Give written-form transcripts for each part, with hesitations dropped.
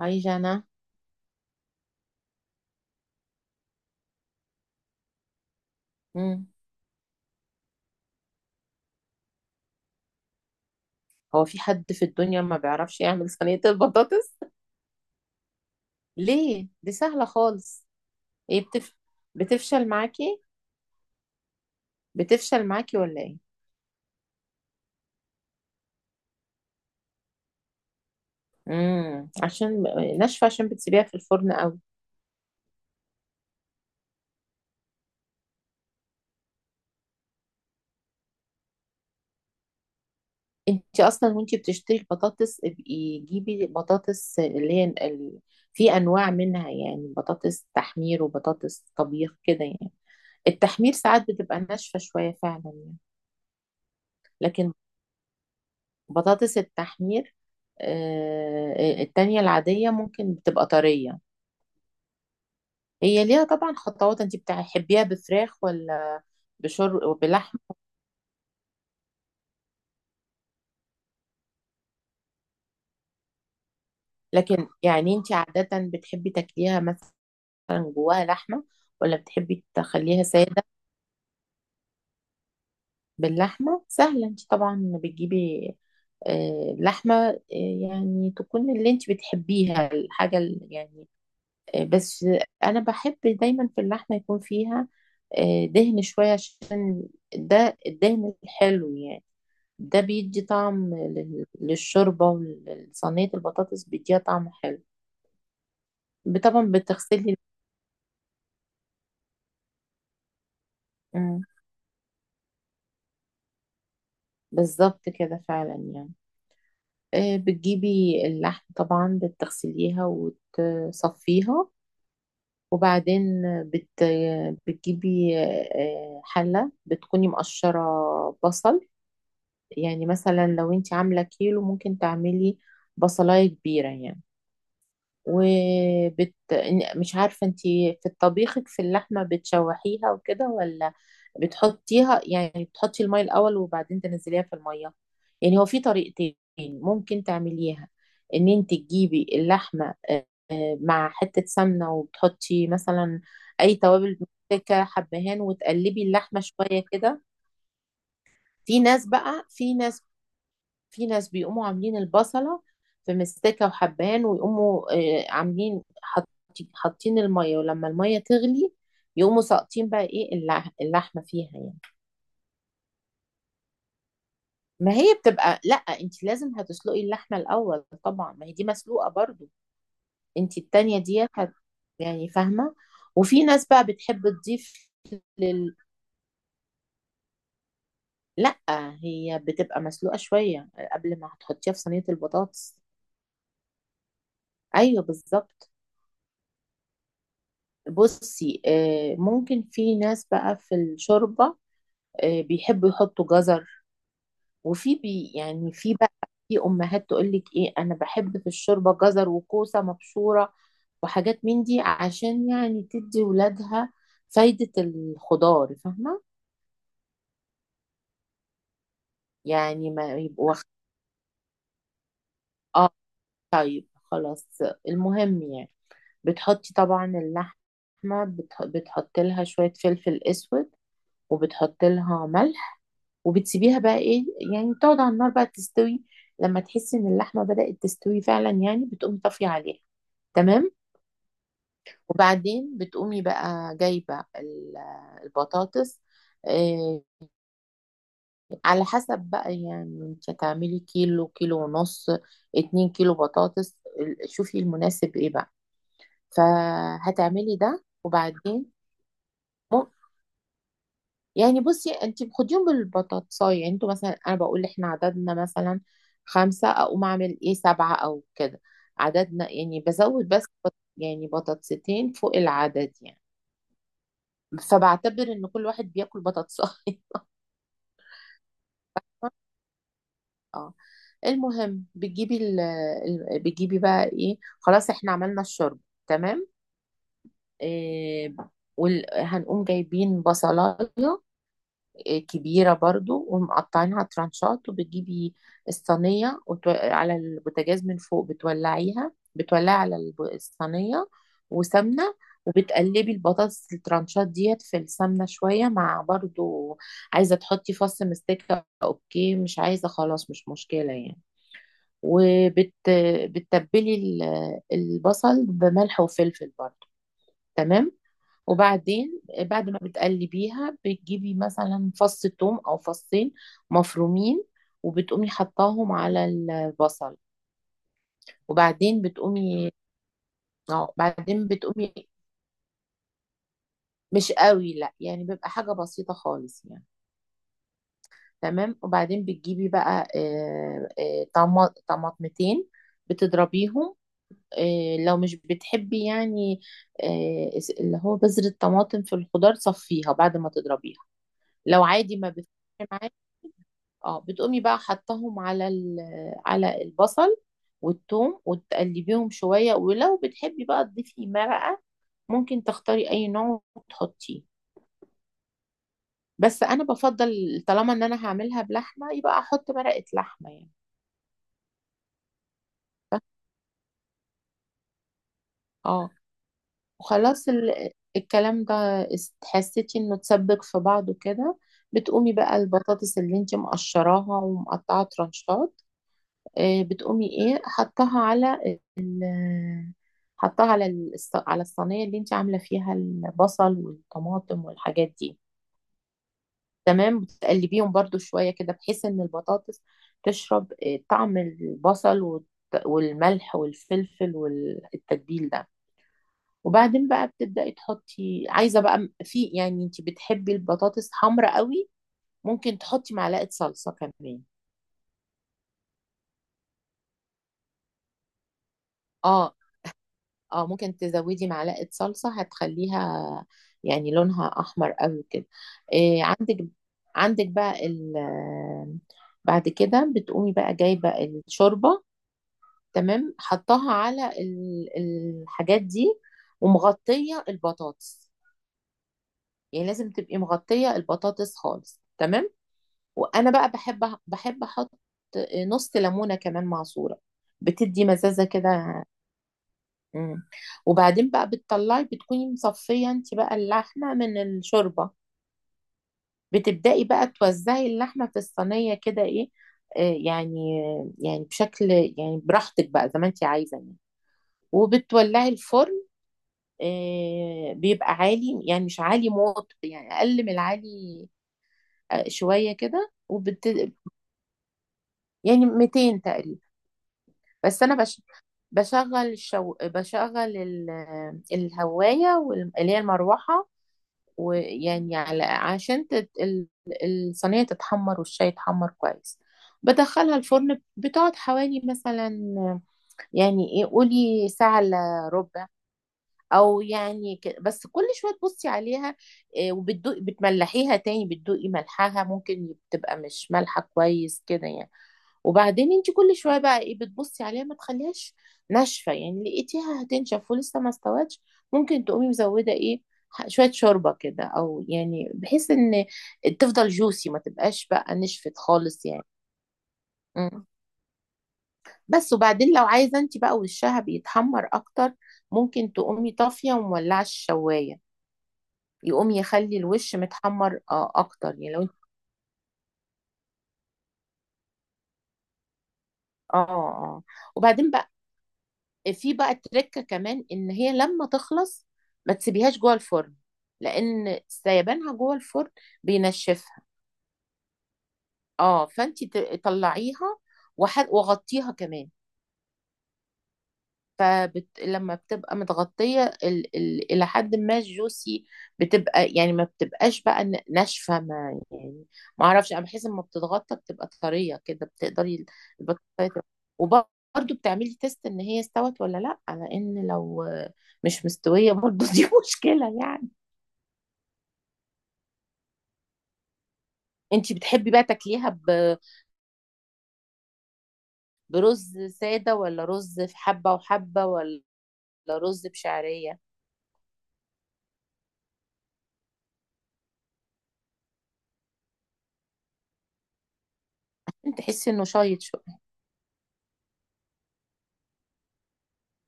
عايشة أنا. مم. هو في حد في الدنيا ما بيعرفش يعمل صينية البطاطس؟ ليه؟ دي سهلة خالص. ايه بتف... بتفشل معاكي. بتفشل معاكي ولا ايه؟ عشان ناشفة، عشان بتسيبيها في الفرن قوي. انت اصلا وانت بتشتري البطاطس ابقي جيبي بطاطس في انواع منها، يعني بطاطس تحمير وبطاطس طبيخ كده يعني. التحمير ساعات بتبقى ناشفة شوية فعلا يعني. لكن بطاطس التحمير، التانية العادية ممكن بتبقى طرية. هي ليها طبعا خطوات. انت بتحبيها بفراخ ولا بشر وبلحمة؟ لكن يعني انت عادة بتحبي تاكليها مثلا جواها لحمة، ولا بتحبي تخليها سادة؟ باللحمة سهلة. انت طبعا بتجيبي لحمة، يعني تكون اللي انت بتحبيها يعني. بس انا بحب دايما في اللحمه يكون فيها دهن شويه، عشان ده الدهن الحلو يعني. ده بيدي طعم للشوربه، ولصينيه البطاطس بيديها طعم حلو. طبعا بتغسلي. مم، بالظبط كده فعلا يعني. بتجيبي اللحم طبعا، بتغسليها وتصفيها، وبعدين بت... بتجيبي حلة، بتكوني مقشرة بصل. يعني مثلا لو انت عاملة كيلو ممكن تعملي بصلاية كبيرة يعني. وبت... مش عارفة انت في طبيخك في اللحمة بتشوحيها وكده، ولا بتحطيها، يعني بتحطي المية الأول وبعدين تنزليها في المية. يعني هو في طريقتين ممكن تعمليها. ان انت تجيبي اللحمة، مع حتة سمنة، وبتحطي مثلا أي توابل، ممسكة حبهان، وتقلبي اللحمة شوية كده. في ناس بقى في ناس في ناس بيقوموا عاملين البصلة في مستكة وحبهان، ويقوموا عاملين حاطين المية، ولما المية تغلي يقوموا ساقطين بقى ايه اللحمة فيها يعني. ما هي بتبقى، لا انت لازم هتسلقي اللحمة الأول طبعا، ما هي دي مسلوقة برضو. انت التانية دي يعني فاهمة. وفي ناس بقى بتحب تضيف لل لا، هي بتبقى مسلوقة شوية قبل ما هتحطيها في صينية البطاطس. ايوه بالظبط. بصي ممكن في ناس بقى في الشوربة بيحبوا يحطوا جزر. وفي بي يعني في بقى، في أمهات تقول لك إيه، أنا بحب في الشوربة جزر وكوسة مبشورة وحاجات من دي، عشان يعني تدي ولادها فايدة الخضار، فاهمة. يعني ما يبقوا واخ- آه طيب خلاص، المهم يعني بتحطي طبعا اللحمة، بتحطي لها شوية فلفل أسود، وبتحط لها ملح، وبتسيبيها بقى ايه، يعني تقعد على النار بقى تستوي. لما تحسي ان اللحمه بدأت تستوي فعلا يعني، بتقومي طافيه عليها. تمام. وبعدين بتقومي بقى جايبه البطاطس. آه، على حسب بقى، يعني انت هتعملي كيلو، كيلو ونص، اتنين كيلو بطاطس، شوفي المناسب ايه بقى. فهتعملي ده وبعدين، يعني بصي، انت بتاخديهم بالبطاطساية، يعني انتوا مثلا، انا بقول احنا عددنا مثلا خمسة اقوم اعمل ايه سبعة او كده، عددنا يعني بزود بس يعني بطاطستين فوق العدد يعني. فبعتبر ان كل واحد بياكل بطاطساية. اه. المهم بتجيبي بتجيبي بقى ايه، خلاص احنا عملنا الشرب. تمام. إيه... هنقوم جايبين بصلاية كبيرة برضو ومقطعينها ترانشات، وبتجيبي الصينية على البوتاجاز من فوق بتولعي على الصينية وسمنة. وبتقلبي البطاطس الترانشات ديت في السمنة شوية مع برضو، عايزة تحطي فص مستكة، اوكي، مش عايزة خلاص مش مشكلة يعني. وبتتبلي البصل بملح وفلفل برضو. تمام. وبعدين بعد ما بتقلبيها بتجيبي مثلا فص توم او فصين مفرومين، وبتقومي حطاهم على البصل، وبعدين بتقومي اه بعدين بتقومي. مش قوي لا، يعني بيبقى حاجة بسيطة خالص يعني. تمام. وبعدين بتجيبي بقى طماطمتين، بتضربيهم. لو مش بتحبي يعني آه، اللي هو بذرة طماطم في الخضار صفيها بعد ما تضربيها. لو عادي ما بتفرقش. اه بتقومي بقى حطهم على على البصل والثوم، وتقلبيهم شوية، ولو بتحبي بقى تضيفي مرقة ممكن تختاري أي نوع وتحطيه. بس أنا بفضل طالما إن أنا هعملها بلحمة يبقى أحط مرقة لحمة يعني. اه. وخلاص الكلام ده حسيتي انه تسبك في بعضه كده، بتقومي بقى البطاطس اللي انت مقشراها ومقطعه ترانشات، بتقومي ايه حطها على ال- حطها على على الصينية اللي انت عاملة فيها البصل والطماطم والحاجات دي. تمام. وتقلبيهم برضو شوية كده بحيث ان البطاطس تشرب طعم البصل والملح والفلفل والتتبيل ده. وبعدين بقى بتبدأي تحطي، عايزة بقى في، يعني انت بتحبي البطاطس حمرا قوي ممكن تحطي معلقة صلصة كمان. اه اه ممكن تزودي معلقة صلصة، هتخليها يعني لونها أحمر قوي كده. إيه، عندك بقى بعد كده بتقومي بقى جايبة الشوربة. تمام. حطها على الحاجات دي ومغطية البطاطس. يعني لازم تبقي مغطية البطاطس خالص. تمام. وأنا بقى بحب أحط نص ليمونة كمان معصورة، بتدي مزازة كده. مم. وبعدين بقى بتطلعي، بتكوني مصفية انت بقى اللحمة من الشوربة، بتبدأي بقى توزعي اللحمة في الصينية كده ايه، آه يعني، يعني بشكل يعني براحتك بقى زي ما انت عايزة يعني. وبتولعي الفرن. آه بيبقى عالي يعني، مش عالي موت، يعني أقل من العالي شوية كده يعني 200 تقريبا. بس أنا بش... بشغل الهواية اللي هي المروحة. ويعني على عشان الصينية تتحمر والشاي يتحمر كويس. بدخلها الفرن، بتقعد حوالي مثلا يعني ايه، قولي ساعة الا ربع. بس كل شويه تبصي عليها، وبتدوقي، بتملحيها تاني، بتدوقي ملحها، ممكن تبقى مش مالحه كويس كده يعني. وبعدين انت كل شويه بقى ايه بتبصي عليها ما تخليهاش ناشفه يعني. لقيتيها هتنشف ولسه ما استوتش ممكن تقومي مزوده ايه شويه شوربه كده، او يعني بحيث ان تفضل جوسي ما تبقاش بقى نشفت خالص يعني. مم. بس. وبعدين لو عايزه انت بقى وشها بيتحمر اكتر ممكن تقومي طافيه ومولعه الشوايه، يقوم يخلي الوش متحمر اكتر، يعني لو انت. اه اه. وبعدين بقى في بقى تركة كمان، ان هي لما تخلص ما تسيبيهاش جوه الفرن، لان سيبانها جوه الفرن بينشفها. اه فانت طلعيها وغطيها كمان. لما بتبقى متغطية إلى حد ما الجوسي، بتبقى يعني ما بتبقاش بقى ناشفة ما يعني، ما أعرفش، أنا بحس لما بتتغطى بتبقى طرية كده بتقدري البطاطا تبقى- وبرضه بتعملي تيست إن هي استوت ولا لأ، لأن لو مش مستوية برضه دي مشكلة يعني. أنتي بتحبي بقى تاكليها برز سادة، ولا رز في حبة وحبة، ولا رز بشعرية؟ أنت تحسي إنه شايط شوية؟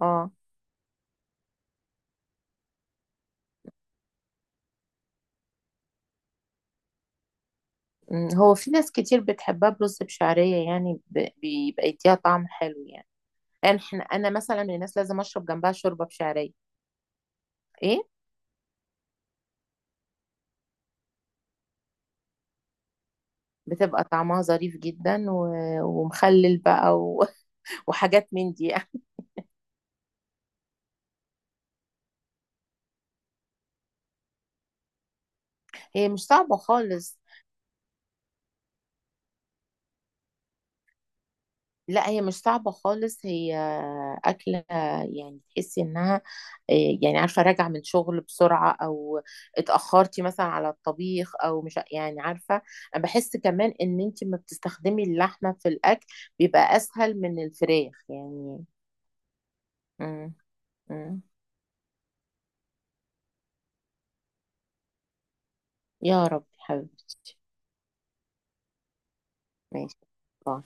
اه. هو في ناس كتير بتحبها برز بشعرية يعني، بيبقى يديها طعم حلو يعني. يعني احنا، انا مثلا من الناس لازم اشرب جنبها شوربة بشعرية. ايه. بتبقى طعمها ظريف جدا، ومخلل بقى وحاجات من دي. هي مش صعبة خالص. لا هي مش صعبة خالص. هي أكلة يعني تحسي إنها إيه، يعني عارفة راجعة من شغل بسرعة، أو اتأخرتي مثلا على الطبيخ، أو مش يعني عارفة. أنا بحس كمان إن أنت ما بتستخدمي اللحمة في الأكل بيبقى أسهل من الفراخ يعني. مم. مم. يا رب حبيبتي. ماشي. باي.